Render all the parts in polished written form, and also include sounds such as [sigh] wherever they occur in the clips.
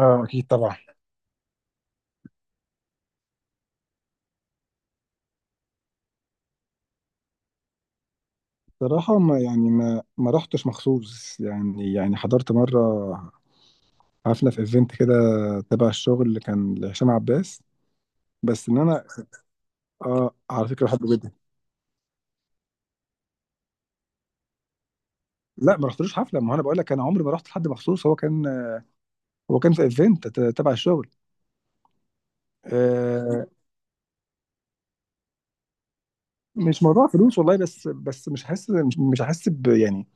اه اكيد طبعا. صراحة، ما يعني ما رحتش مخصوص، يعني حضرت مرة حفلة في ايفنت كده تبع الشغل اللي كان لهشام عباس. بس ان انا، اه على فكرة بحبه جدا. لا، ما رحتلوش حفلة، ما هو انا بقول لك، انا عمري ما رحت لحد مخصوص. هو كان في ايفنت، تبع الشغل. آه. مش موضوع فلوس والله، بس مش حاسس، مش حاسس ب، يعني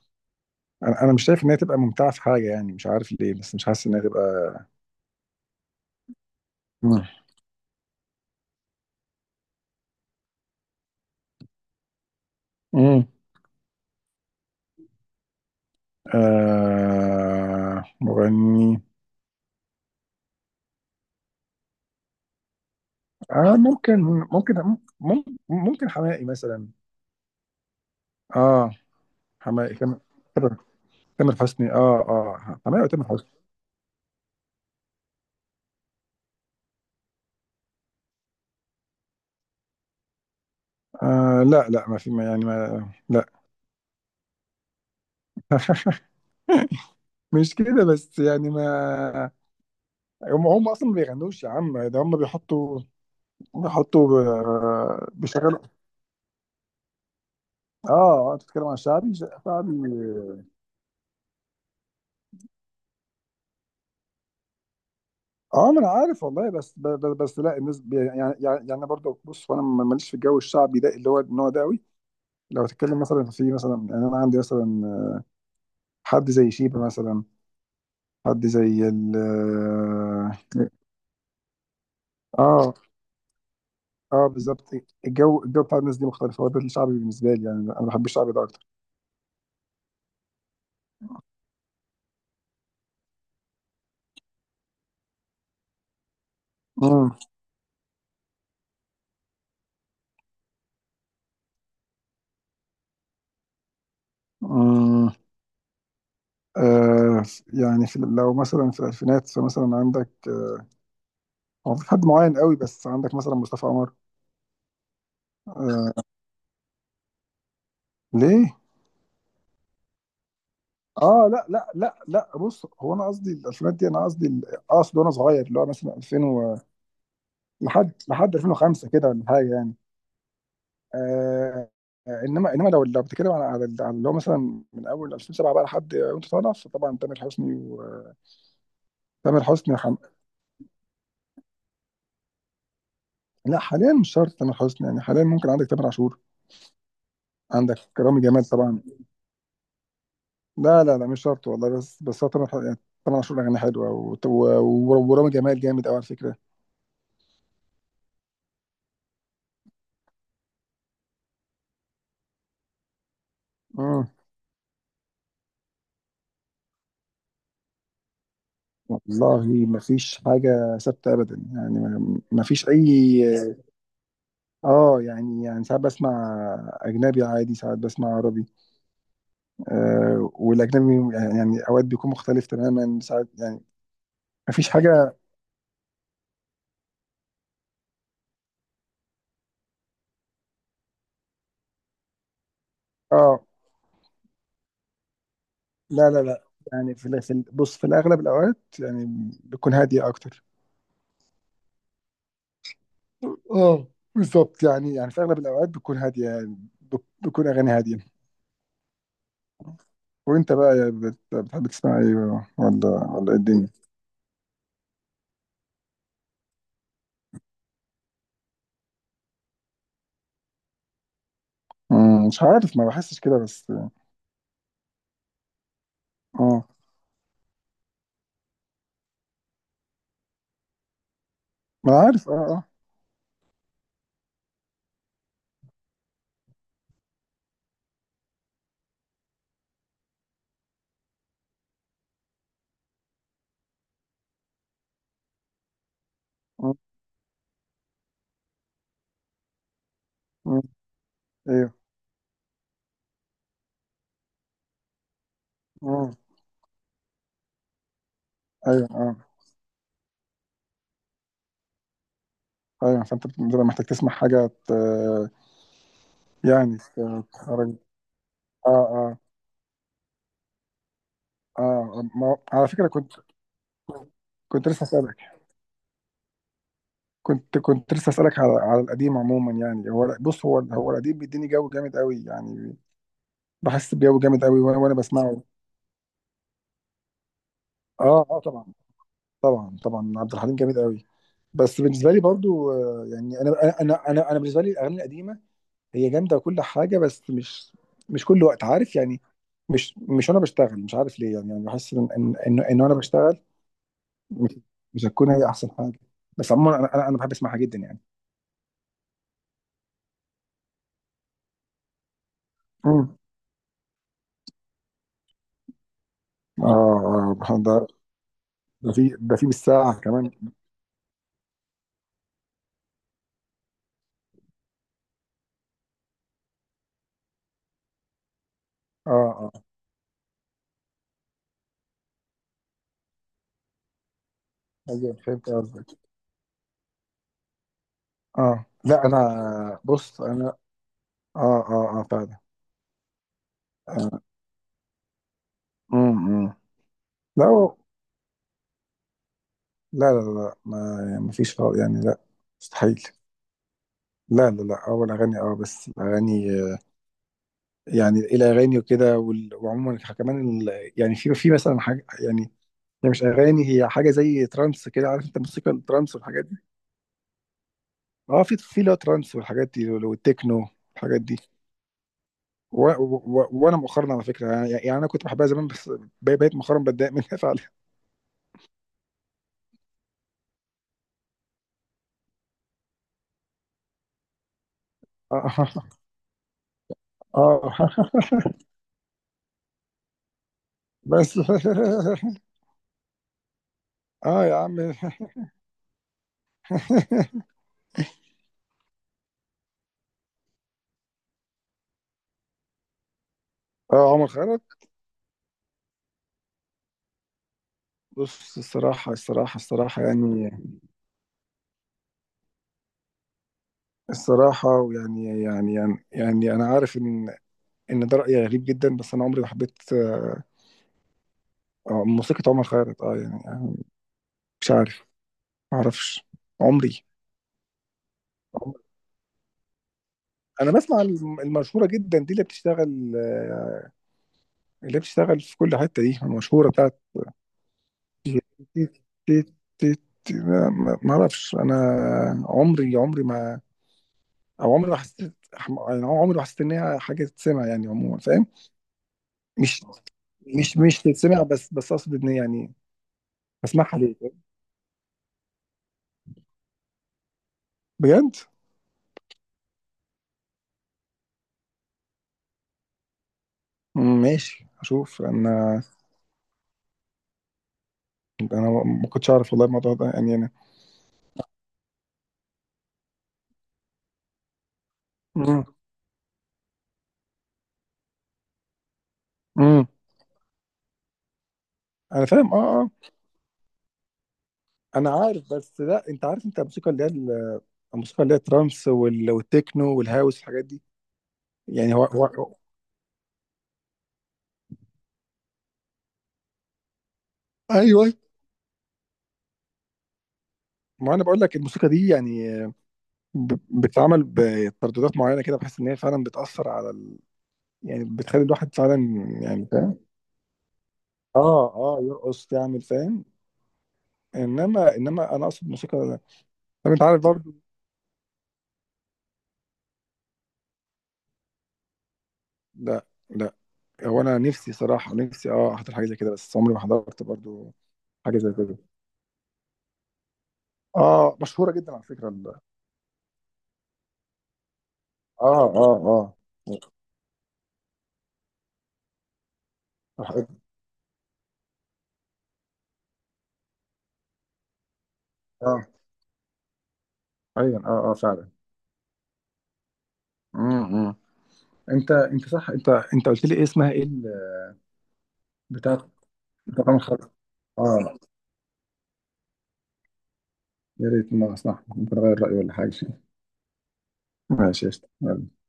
انا مش شايف ان هي تبقى ممتعة في حاجة. يعني مش عارف ليه، بس مش حاسس ان هي تبقى. مم. مم. آه، مغني. اه، ممكن. ممكن. مم- ممكن حماقي مثلا. اه. حماقي، تامر تامر حسني، اه، اه. حماقي وتامر حسني. آه، لا لا، ما في ما يعني ما لا. [laughs] مش كده بس، يعني ما... هم اصلا ما بيغنوش يا عم، ده هم بيحطوا بيحطوا آه، بيشغلوا. اه، آه، انت بتتكلم عن شعبي شعبي؟ اه، ما انا عارف والله، بس لا، الناس يعني يعني انا برضه بص، وانا ماليش في الجو الشعبي ده، اللي هو النوع ده قوي. لو تتكلم مثلا في مثلا، يعني انا عندي مثلا حد زي شيبة مثلا، حد زي ال... اه، اه، بالظبط. الجو بتاع الناس دي مختلف، هو ده الشعبي بالنسبه لي. يعني انا بحب الشعبي ده اكتر. امم امم آه، يعني في، لو مثلا في الالفينات، فمثلا عندك آه، هو في حد معين قوي، بس عندك مثلا مصطفى عمر. آه، ليه؟ اه لا لا لا لا، بص، هو انا قصدي الالفينات دي، انا قصدي اقصد وانا صغير، اللي هو مثلا 2000 و... لحد 2005 كده، ولا حاجه يعني. آه. آه، انما لو بتتكلم على اللي هو مثلا من اول 2007 بقى لحد وانت طالع، فطبعا تامر حسني وتامر حسني لا، حاليا مش شرط تامر حسني، يعني حاليا ممكن عندك تامر عاشور، عندك رامي جمال طبعا. لا لا لا، مش شرط والله، بس هو تامر يعني، تامر عاشور اغاني حلوه، ورامي جمال جامد قوي على فكره. مم. والله ما فيش حاجه ثابته ابدا، يعني ما فيش اي... اه، يعني ساعات بسمع اجنبي عادي، ساعات بسمع عربي. آه، والاجنبي يعني اوقات بيكون مختلف تماما، ساعات يعني مفيش حاجه. اه، لا لا لا، يعني بص، في الاغلب الاوقات يعني بتكون هاديه اكتر. اه، بالظبط، يعني في اغلب الاوقات بتكون هاديه، يعني بتكون اغاني هاديه. وانت بقى، يا بتحب تسمع ايه بقى؟ ولا إيه الدنيا؟ مم، مش عارف، ما بحسش كده بس. اه، ما أنا عارف، اه، اه. مم، مم، ايوه. مم، ايوه، اه. ايوه، فانت بتبقى محتاج تسمع حاجه، يعني تخرج. اه، اه، اه، ما هو- على فكرة كنت، كنت لسه اسألك. كنت لسه اسألك على القديم عموما. يعني هو، بص، هو القديم بيديني جو جامد قوي، يعني بحس بجو جامد قوي وانا، بسمعه. اه، اه، طبعا. طبعا، طبعا عبد الحليم جامد قوي. بس بالنسبة لي برضو، آه، يعني انا بالنسبة لي الاغاني القديمة هي جامدة وكل حاجة، بس مش، مش كل وقت، عارف يعني. مش وانا بشتغل مش عارف ليه، يعني، بحس إن وانا بشتغل مش، مش هتكون هي احسن حاجة. بس عموما انا بحب اسمعها جدا يعني. مم. اه، اه، ده، ده في بالساعة كمان. اه، اه، ايوه، فهمت قصدك. اه، لا انا، بص انا... اه، اه، اه، فعلا. آه. مم، مم. لا، لا لا لا، ما يعني ما فيش خالص يعني، لا، مستحيل. لا لا لا، اول اغاني، اه، بس الاغاني آه، يعني الاغاني وكده وعموما كمان يعني في مثلا حاجه، يعني هي مش اغاني، هي حاجه زي ترانس كده. عارف انت موسيقى الترانس والحاجات دي؟ اه، في في لا، ترانس والحاجات دي، والتكنو والحاجات دي. وانا مؤخرا على فكره، يعني انا كنت بحبها زمان، بس بقيت مؤخرا بتضايق منها فعلا. اه، اه. [laughs] بس. اه، يا عم. [laughs] اه، عمر خيرك. بص، الصراحه يعني، الصراحه، ويعني انا عارف ان، ان ده راي غريب جدا، بس انا عمري ما حبيت آه، آه، موسيقى عمر خيرت. اه، يعني، يعني مش عارف، ما اعرفش. عمري انا بسمع المشهوره جدا دي، اللي بتشتغل آه، اللي بتشتغل في كل حتة دي، المشهورة بتاعت، مم. تي- تي- تي- لا، ما اعرفش انا. عمري ما، او عمري ما حسيت يعني، عمري ما حسيت ان هي حاجة تتسمع يعني عموما، فاهم. مش، مش تتسمع، بس اقصد ان يعني، اسمعها ليه؟ بجد. مم، ماشي، اشوف انا. انا ما كنتش اعرف والله الموضوع ده، يعني انا... مم. مم. انا فاهم، اه، اه. انا عارف، بس لا، انت عارف، انت الموسيقى اللي هي الموسيقى اللي هي الترانس، والتكنو والهاوس والحاجات دي، يعني هو ايوه، ما انا بقول لك، الموسيقى دي يعني بتتعمل بترددات معينه كده، بحس ان هي فعلا بتاثر على ال... يعني بتخلي الواحد فعلا، يعني فاهم. اه، اه، يرقص، تعمل، فاهم. انما انا اقصد موسيقى. طب انت عارف برضو. لا لا، هو انا نفسي صراحه، نفسي اه احضر حاجه زي كده، بس عمري ما حضرت برضو حاجه زي كده. اه، مشهوره جدا على فكره ال... اه، اه، اه، اه، آه، ايوه، اه، اه، فعلا. إمم. انت، انت قلت لي ايه، اسمها ايه؟ بتاع بتاع رقم خمسة. اه. يا ريت، ما صح، ممكن اغير رايي ولا حاجه. [laughs] ماشي، قشطة. يلا.